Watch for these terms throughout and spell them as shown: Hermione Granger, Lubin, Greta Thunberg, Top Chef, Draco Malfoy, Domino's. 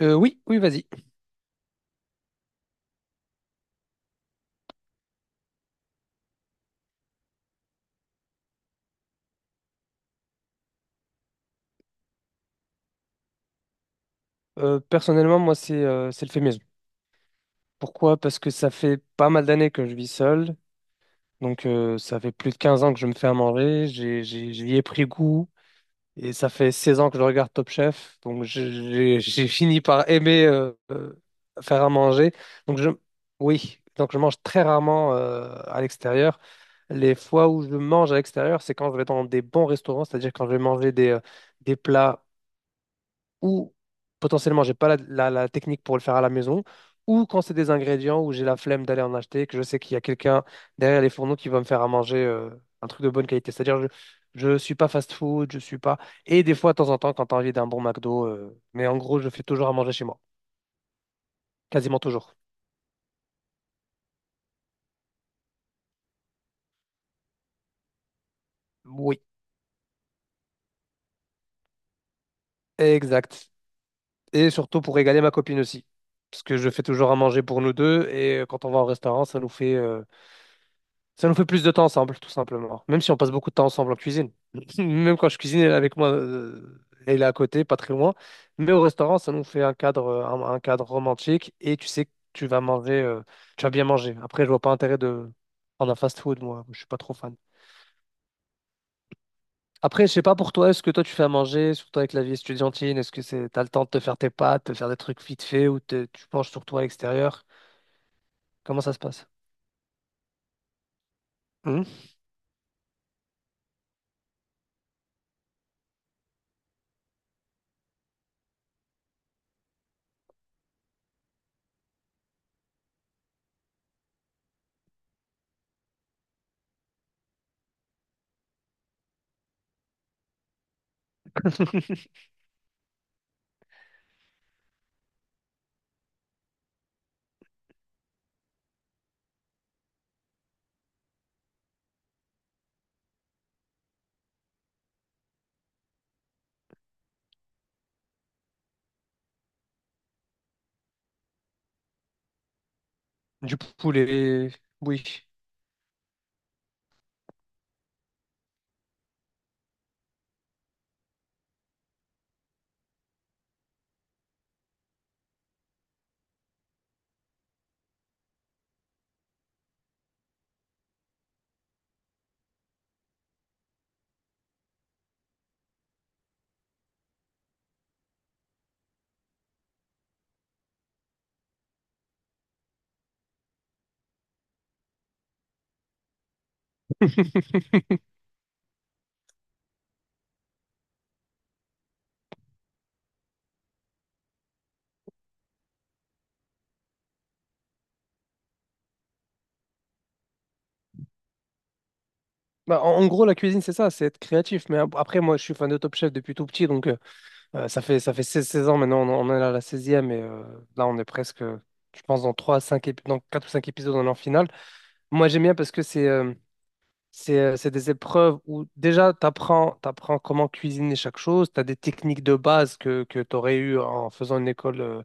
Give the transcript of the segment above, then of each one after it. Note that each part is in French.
Oui, oui, vas-y. Personnellement, moi, c'est le fait maison. Pourquoi? Parce que ça fait pas mal d'années que je vis seul. Donc, ça fait plus de 15 ans que je me fais à manger. J'y ai pris goût. Et ça fait 16 ans que je regarde Top Chef, donc j'ai fini par aimer faire à manger. Donc je, oui, donc je mange très rarement à l'extérieur. Les fois où je mange à l'extérieur, c'est quand je vais dans des bons restaurants, c'est-à-dire quand je vais manger des plats ou potentiellement j'ai pas la technique pour le faire à la maison, ou quand c'est des ingrédients où j'ai la flemme d'aller en acheter, que je sais qu'il y a quelqu'un derrière les fourneaux qui va me faire à manger un truc de bonne qualité. C'est-à-dire je suis pas fast-food, je suis pas. Et des fois, de temps en temps, quand t'as envie d'un bon McDo, mais en gros, je fais toujours à manger chez moi, quasiment toujours. Oui, exact. Et surtout pour régaler ma copine aussi. Parce que je fais toujours à manger pour nous deux, et quand on va au restaurant, ça nous fait plus de temps ensemble, tout simplement. Même si on passe beaucoup de temps ensemble en cuisine. Même quand je cuisine, elle est avec moi, elle est à côté, pas très loin. Mais au restaurant, ça nous fait un cadre romantique et tu sais que tu vas bien manger. Après, je vois pas intérêt de prendre un fast-food, moi. Je suis pas trop fan. Après, je sais pas pour toi, est-ce que toi tu fais à manger, surtout avec la vie estudiantine, t'as le temps de te faire tes pâtes, de faire des trucs vite fait ou tu penches sur toi à l'extérieur? Comment ça se passe? Hum. Du poulet, oui. Bah, en gros, la cuisine, c'est ça, c'est être créatif. Mais après, moi, je suis fan de Top Chef depuis tout petit, donc ça fait 16 16 ans maintenant, on est à la seizième et là, on est presque, je pense, dans trois à 5 épi- dans 4 ou 5 épisodes, on est en finale. Moi, j'aime bien parce que c'est des épreuves où déjà, tu apprends comment cuisiner chaque chose, tu as des techniques de base que tu aurais eues en faisant une école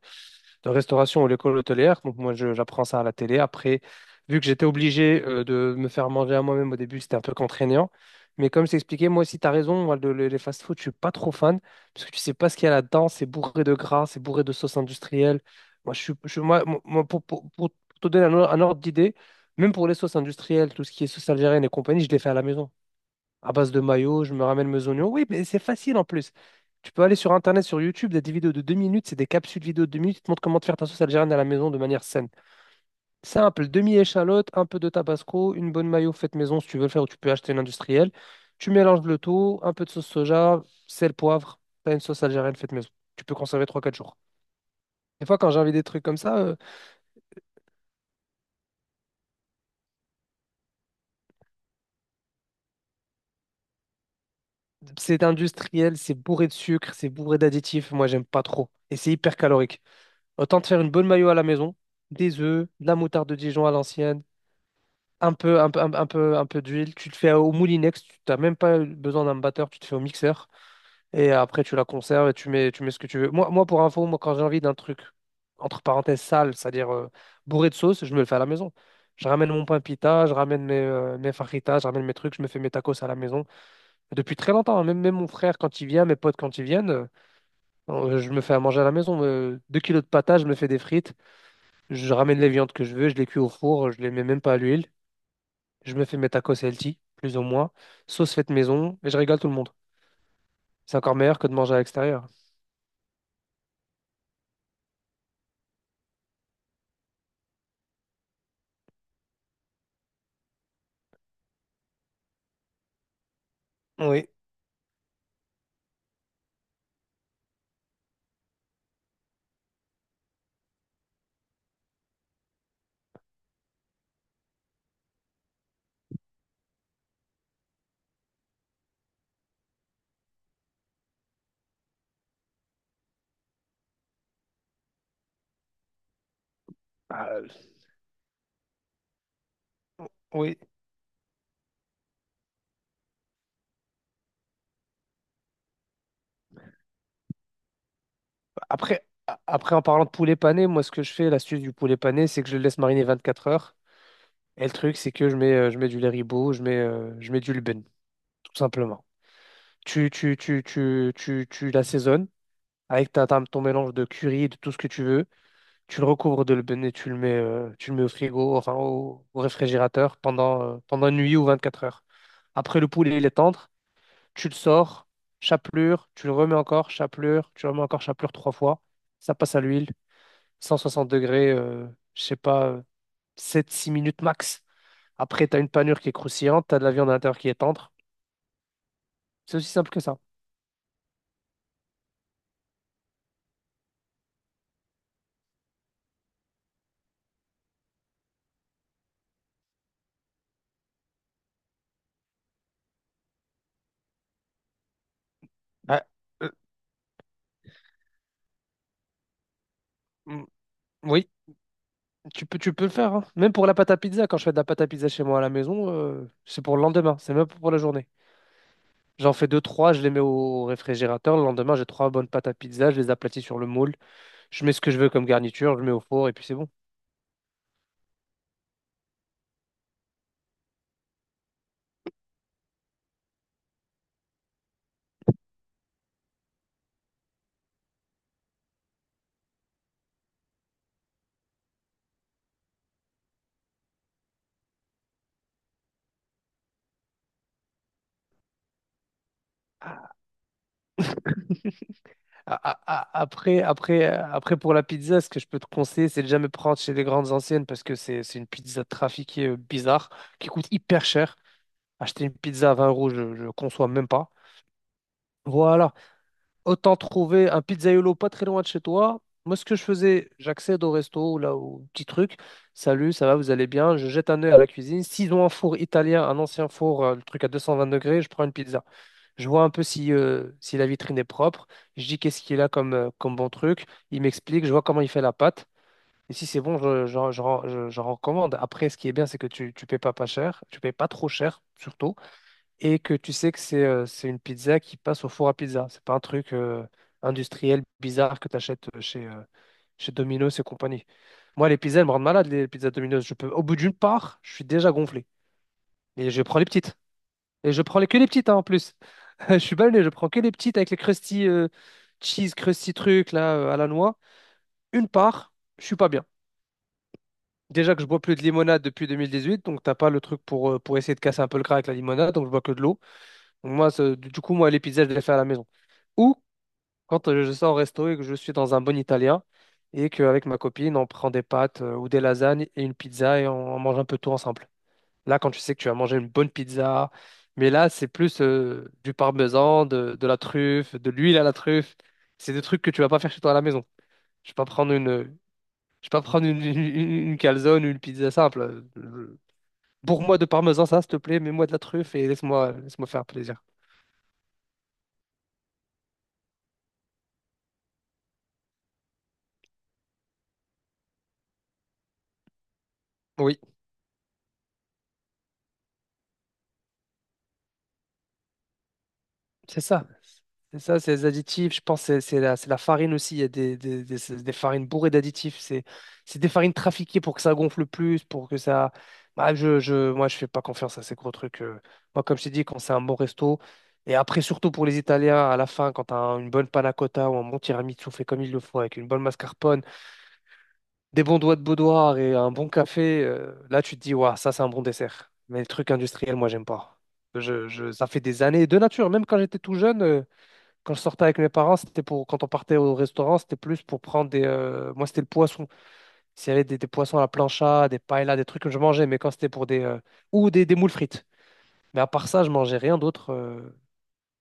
de restauration ou l'école hôtelière. Donc moi, j'apprends ça à la télé. Après, vu que j'étais obligé de me faire manger à moi-même au début, c'était un peu contraignant. Mais comme je t'ai Moi aussi, tu as raison, moi, les fast-food, je suis pas trop fan, parce que tu sais pas ce qu'il y a là-dedans, c'est bourré de gras, c'est bourré de sauce industrielle. Moi, je suis, je- moi, moi, pour te donner un, un ordre d'idée, même pour les sauces industrielles, tout ce qui est sauce algérienne et compagnie, je les fais à la maison à base de mayo, je me ramène mes oignons. Oui, mais c'est facile en plus. Tu peux aller sur Internet, sur YouTube, des vidéos de 2 minutes, c'est des capsules vidéo de 2 minutes qui te montrent comment te faire ta sauce algérienne à la maison de manière saine. Simple, demi-échalote, un peu de tabasco, une bonne mayo faite maison si tu veux le faire ou tu peux acheter une industrielle. Tu mélanges le tout, un peu de sauce soja, sel, poivre, t'as une sauce algérienne faite maison. Tu peux conserver trois quatre jours. Des fois, quand j'ai envie des trucs comme ça, c'est industriel, c'est bourré de sucre, c'est bourré d'additifs, moi j'aime pas trop. Et c'est hyper calorique. Autant te faire une bonne mayo à la maison, des œufs, de la moutarde de Dijon à l'ancienne, un peu, un peu, un peu d'huile. Tu te fais au moulinex, tu n'as même pas besoin d'un batteur, tu te fais au mixeur. Et après, tu la conserves et tu mets ce que tu veux. Moi, pour info, moi, quand j'ai envie d'un truc, entre parenthèses, sale, c'est-à-dire bourré de sauce, je me le fais à la maison. Je ramène mon pain pita, je ramène mes fajitas, je ramène mes trucs, je me fais mes tacos à la maison. Depuis très longtemps, hein, même mon frère, quand il vient, mes potes, quand ils viennent, je me fais à manger à la maison. Deux kilos de patates, je me fais des frites. Je ramène les viandes que je veux, je les cuis au four, je les mets même pas à l'huile. Je me fais mes tacos healthy, plus ou moins. Sauce faite maison, et je régale tout le monde. C'est encore meilleur que de manger à l'extérieur. Oui. Euh, oui. Après, en parlant de poulet pané, moi, ce que je fais, l'astuce du poulet pané, c'est que je le laisse mariner 24 heures. Et le truc, c'est que je mets du lait ribot, je mets du Lubin, tout simplement. Tu l'assaisonnes, avec ton mélange de curry, de tout ce que tu veux. Tu le recouvres de l'eben et tu le mets au frigo, enfin au réfrigérateur pendant une nuit ou 24 heures. Après, le poulet, il est tendre. Tu le sors, chapelure, tu le remets encore, chapelure, tu le remets encore, chapelure trois fois. Ça passe à l'huile, 160 degrés, je sais pas, sept six minutes max. Après, tu as une panure qui est croustillante, tu as de la viande à l'intérieur qui est tendre. C'est aussi simple que ça. Euh, mm, oui, tu peux le faire, hein. Même pour la pâte à pizza, quand je fais de la pâte à pizza chez moi à la maison, c'est pour le lendemain. C'est même pas pour la journée. J'en fais deux, trois, je les mets au réfrigérateur. Le lendemain, j'ai trois bonnes pâtes à pizza, je les aplatis sur le moule. Je mets ce que je veux comme garniture, je mets au four et puis c'est bon. Après, pour la pizza, ce que je peux te conseiller, c'est de jamais prendre chez les grandes anciennes parce que c'est une pizza trafiquée bizarre qui coûte hyper cher. Acheter une pizza à 20 euros, je ne conçois même pas. Voilà. Autant trouver un pizzaiolo pas très loin de chez toi. Moi, ce que je faisais, j'accède au resto ou là au petit truc. Salut, ça va, vous allez bien? Je jette un œil à la cuisine. S'ils ont un four italien, un ancien four, le truc à 220 degrés, je prends une pizza. Je vois un peu si la vitrine est propre. Je dis qu'est-ce qu'il a comme bon truc. Il m'explique, je vois comment il fait la pâte. Et si c'est bon, je recommande. Après, ce qui est bien, c'est que tu payes pas cher. Tu payes pas trop cher, surtout, et que tu sais que c'est une pizza qui passe au four à pizza. C'est pas un truc industriel bizarre que tu achètes chez Domino's et compagnie. Moi, les pizzas, elles me rendent malade, les pizzas Domino's. Je peux, au bout d'une part, je suis déjà gonflé. Et je prends les petites. Et je prends que les petites, hein, en plus. Je suis balné, je prends que les petites avec les crusty cheese, crusty trucs là, à la noix. Une part, je suis pas bien. Déjà que je bois plus de limonade depuis 2018, donc t'as pas le truc pour essayer de casser un peu le gras avec la limonade, donc je bois que de l'eau. Moi, du coup, moi, les pizzas, je les fais à la maison. Ou quand je sors au resto et que je suis dans un bon italien et qu'avec ma copine, on prend des pâtes ou des lasagnes et une pizza et on mange un peu tout ensemble. Là, quand tu sais que tu vas manger une bonne pizza, mais là, c'est plus du parmesan, de la truffe, de l'huile à la truffe. C'est des trucs que tu vas pas faire chez toi à la maison. Je vais pas prendre une, je vais pas prendre une calzone ou une pizza simple. Pour moi de parmesan, ça, s'il te plaît, mets-moi de la truffe et laisse-moi faire plaisir. Oui, c'est ça. C'est ça, c'est les additifs. Je pense que c'est la farine aussi. Il y a des- c'est des farines bourrées d'additifs. C'est des farines trafiquées pour que ça gonfle plus, pour que ça. Bah, moi, je fais pas confiance à ces gros trucs. Moi, comme je t'ai dit, quand c'est un bon resto, et après, surtout pour les Italiens, à la fin, quand tu as une bonne panna cotta ou un bon tiramisu fait comme il le faut, avec une bonne mascarpone, des bons doigts de boudoir et un bon café, là, tu te dis, waouh, ça, c'est un bon dessert. Mais les trucs industriels, moi, j'aime pas. Ça fait des années, de nature, même quand j'étais tout jeune. Quand je sortais avec mes parents, c'était pour quand on partait au restaurant, c'était plus pour prendre des. Moi, c'était le poisson. S'il y avait des poissons à la plancha, des paellas, des trucs que je mangeais, mais quand c'était pour des. Ou des moules frites. Mais à part ça, je mangeais rien d'autre.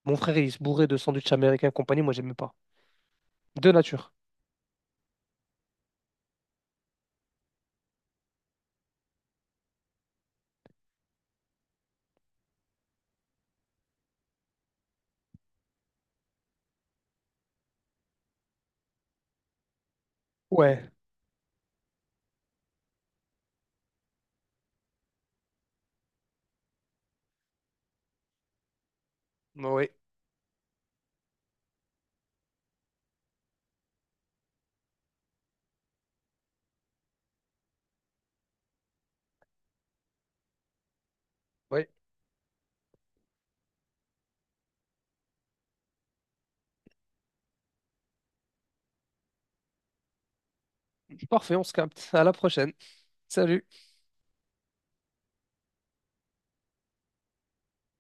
Mon frère, il se bourrait de sandwichs américains et compagnie. Moi, j'aimais pas. De nature. Ouais. Ouais. Ouais. Parfait, on se capte. À la prochaine. Salut.